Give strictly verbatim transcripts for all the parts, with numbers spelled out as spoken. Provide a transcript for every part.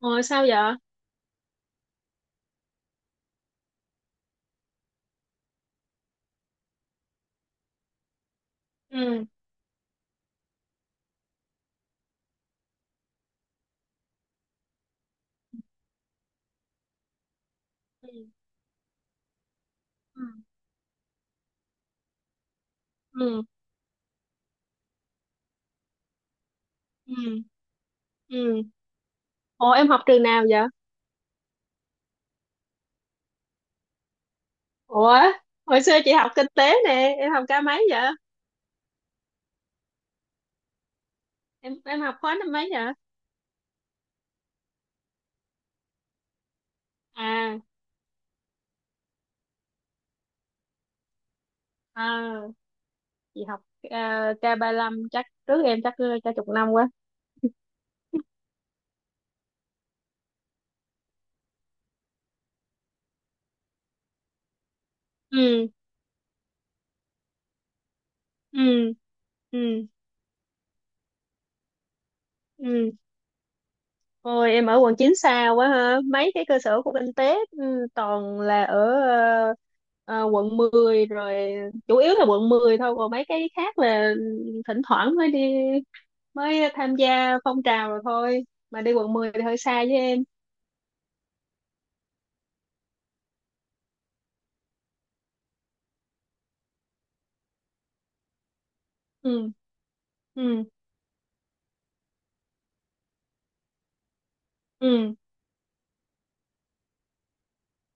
Ồ, sao vậy? Ừ. Ừ. Ừ. Ừ. Ừ. Ừ. Ồ, em học trường nào vậy? Ủa, hồi xưa chị học kinh tế nè, em học ca mấy vậy? Em em học khóa năm mấy vậy? À, à chị học uh, k lăm, chắc trước em chắc chắc chục năm quá. Ừ. Ừ. Ừ. Ừ. Ôi, em ở quận chín xa quá ha. Mấy cái cơ sở của kinh tế, ừ, toàn là ở ờ, ờ, quận mười rồi, chủ yếu là quận mười thôi, còn mấy cái khác là ừ, thỉnh thoảng mới đi, mới tham gia phong trào rồi thôi, mà đi quận mười thì hơi xa với em. Ừ. Ừ. Ừ.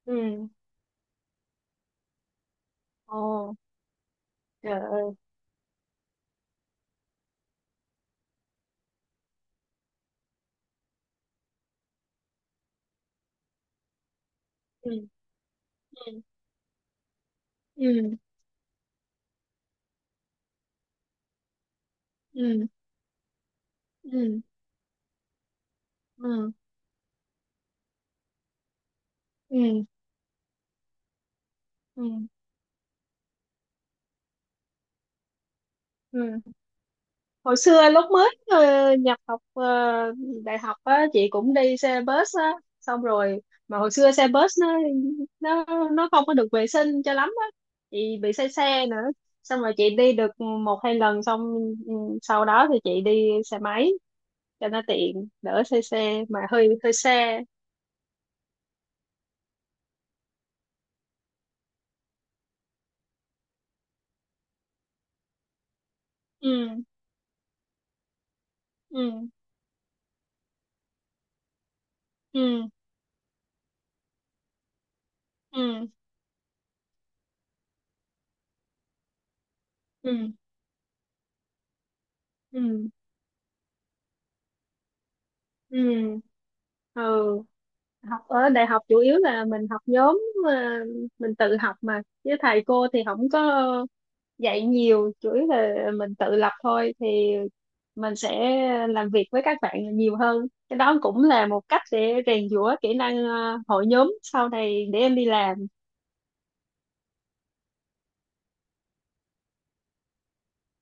Ừ. Ồ. Trời ơi. Ừ. Ừ. Ừ. Ừ. Ừ. Ừ. Ừ. Ừ. Ừ. Ừ. Hồi xưa lúc mới ờ, nhập học ờ, đại học á, chị cũng đi xe bus á. Xong rồi mà hồi xưa xe bus nó, nó nó không có được vệ sinh cho lắm á. Chị bị say xe nữa, xong rồi chị đi được một hai lần. Xong ừ, sau đó thì chị đi xe máy cho nó tiện, đỡ say xe mà hơi hơi xe. Ừ. Ừ. Ừ. Ừ. Ừ. Ừ. Ừ. Ừ. Ừ. Học ở đại học chủ yếu là mình học nhóm, ờ, mình tự học, mà với thầy cô thì không có dạy nhiều, chủ yếu là mình tự lập thôi, thì mình sẽ làm việc với các bạn nhiều hơn. Cái đó cũng là một cách để rèn giũa kỹ năng ờ, hội nhóm sau này để em đi làm.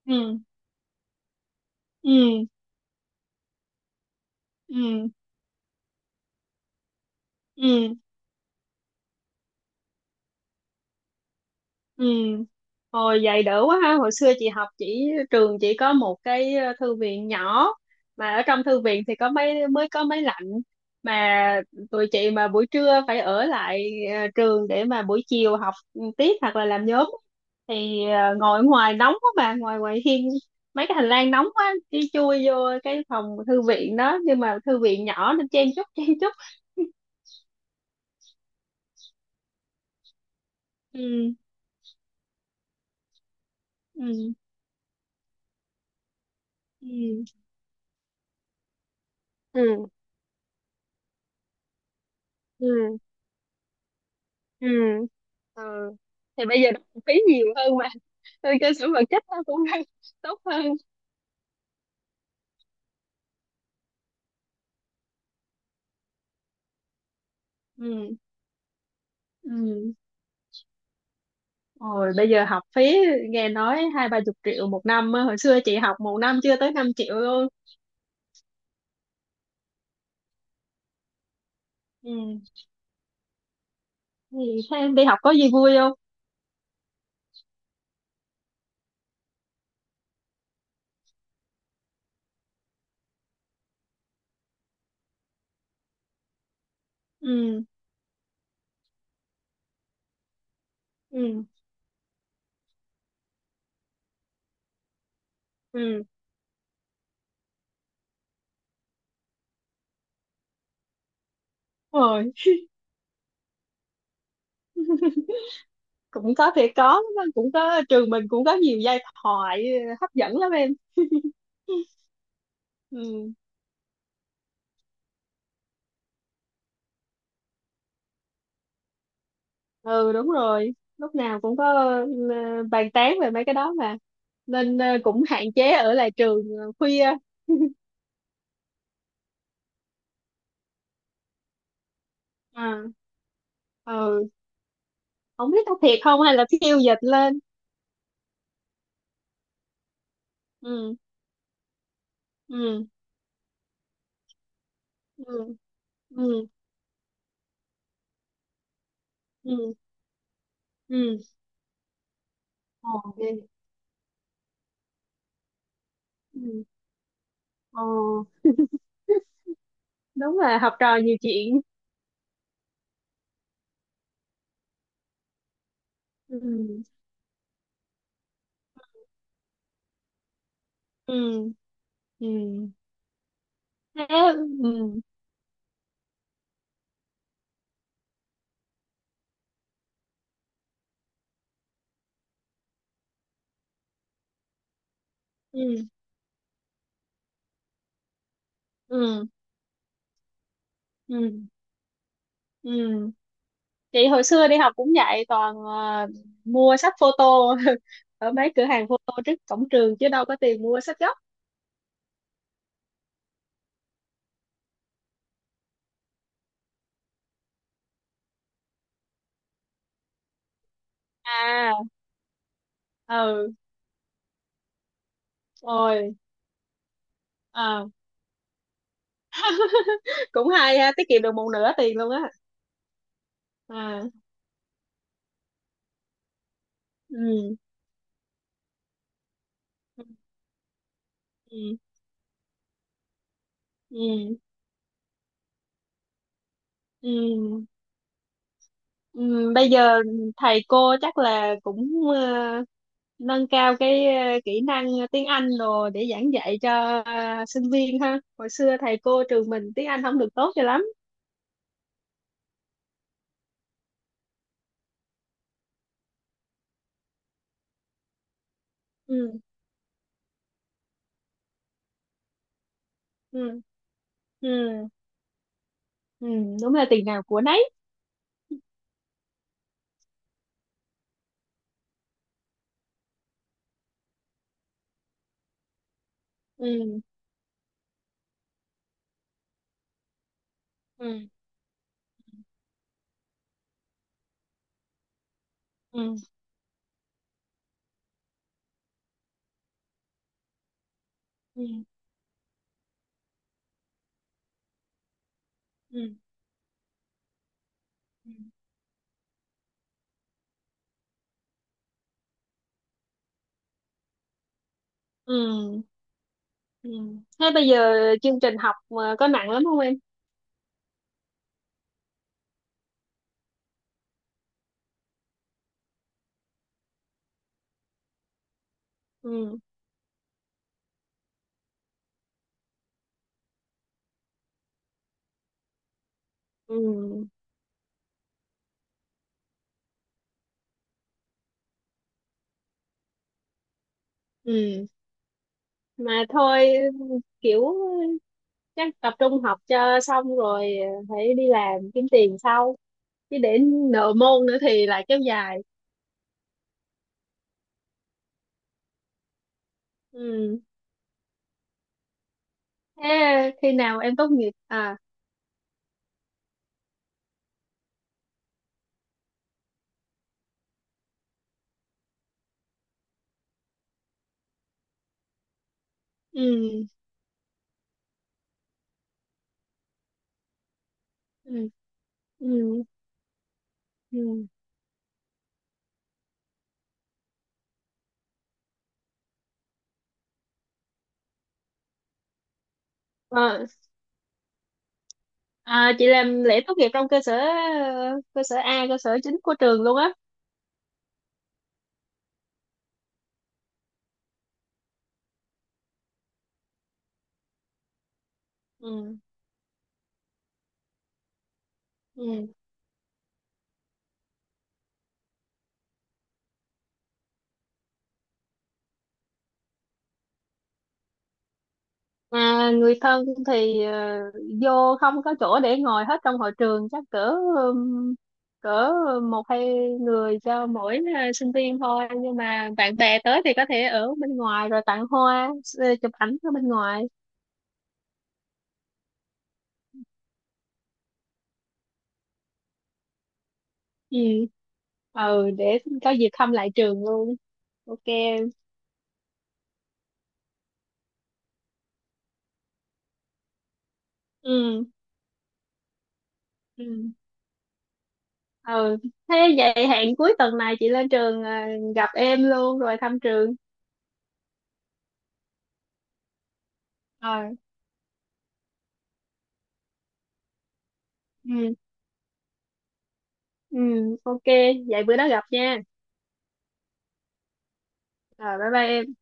Ừ. Ừ. Ừ. Ừ. Ừ. Hồi vậy đỡ quá ha. Hồi xưa chị học, chỉ trường chỉ có một cái ờ, thư viện nhỏ, mà ở trong thư viện thì có mấy mới có máy lạnh. Mà tụi chị mà buổi trưa phải ở lại ờ, trường để mà buổi chiều học tiếp hoặc là làm nhóm, thì ờ, ngồi ở ngoài nóng quá, mà ngoài ngoài hiên mấy cái hành lang nóng quá, đi chui vô cái phòng thư viện đó, nhưng mà thư viện nhỏ nên chen chúc chen chúc. Ừ. Ừ. Ừ. Ừ. Ừ. Ừ. Ừ. Thì bây giờ nó cũng phí nhiều hơn mà, nên cơ sở vật chất nó cũng đang tốt hơn. Ừ. Ừ. Rồi bây giờ học phí nghe nói hai ba chục triệu một năm á. Hồi xưa chị học một năm chưa tới năm triệu luôn. Ừ. Thì thế em đi học có gì vui không? Ừ. Ừ. Ừ. Rồi. Cũng có thể có. Cũng có, trường mình cũng có nhiều giai thoại hấp dẫn lắm em. Ừ. Ừ đúng rồi, lúc nào cũng có ờ, bàn tán về mấy cái đó mà, nên ờ, cũng hạn chế ở lại trường ờ, khuya. À. Ừ, không biết có thiệt không hay là phiêu dịch lên. Ừ. Ừ. Ừ. Ừ. Ừ. Ừ. Ồ, ghê. Ừ. Ồ. Đúng là học trò nhiều chuyện. Ừ. Ừ. Ừ. Thế. Ừ. Ừ. Ừ. Ừ. Ừ. Chị hồi xưa đi học cũng vậy, toàn ờ, mua sách photo. Ở mấy cửa hàng photo trước cổng trường, chứ đâu có tiền mua sách gốc. À. Ừ. Rồi. À, cũng hay ha, tiết kiệm được một nửa tiền luôn á. À. Ừ. Ừ. Ừ. Ừ. Ừ. Ừ. Bây giờ thầy cô chắc là cũng ờ, nâng cao cái ờ, kỹ năng tiếng Anh rồi để giảng dạy cho ờ, sinh viên ha. Hồi xưa thầy cô trường mình tiếng Anh không được tốt cho lắm. Ừ. Ừ. Ừ. Ừ, đúng là tiền nào của nấy. Ừ. Ừ. Ừ. Ừ. Ừ. Ừ. Ừ. Ừ. Thế bây giờ chương trình học mà có nặng lắm không em? Ừ. Ừ. Ừ. Mà thôi, kiểu chắc tập trung học cho xong, rồi phải đi làm kiếm tiền sau, chứ để nợ môn nữa thì lại kéo dài. Ừ. Thế khi nào em tốt nghiệp à? Ừ. Ừ. Ừ. Ừ. Ờ. À, chị làm lễ tốt nghiệp trong cơ sở ờ, cơ sở A, cơ sở chính của trường luôn á. Ừ. Ừ. Mà người thân thì ờ, vô không có chỗ để ngồi hết trong hội trường, chắc cỡ ừm, cỡ một hai người cho mỗi ờ, sinh viên thôi, nhưng mà bạn bè tới thì có thể ở bên ngoài rồi tặng hoa, ờ, chụp ảnh ở bên ngoài. Ừ. Ừ để có dịp thăm lại trường luôn. Ok em. Ừ. Ừ. Ừ. Thế vậy hẹn cuối tuần này chị lên trường, à, gặp em luôn rồi thăm trường. Rồi. Ừ. Ừ. Ok, vậy bữa đó gặp nha. Rồi, bye bye em.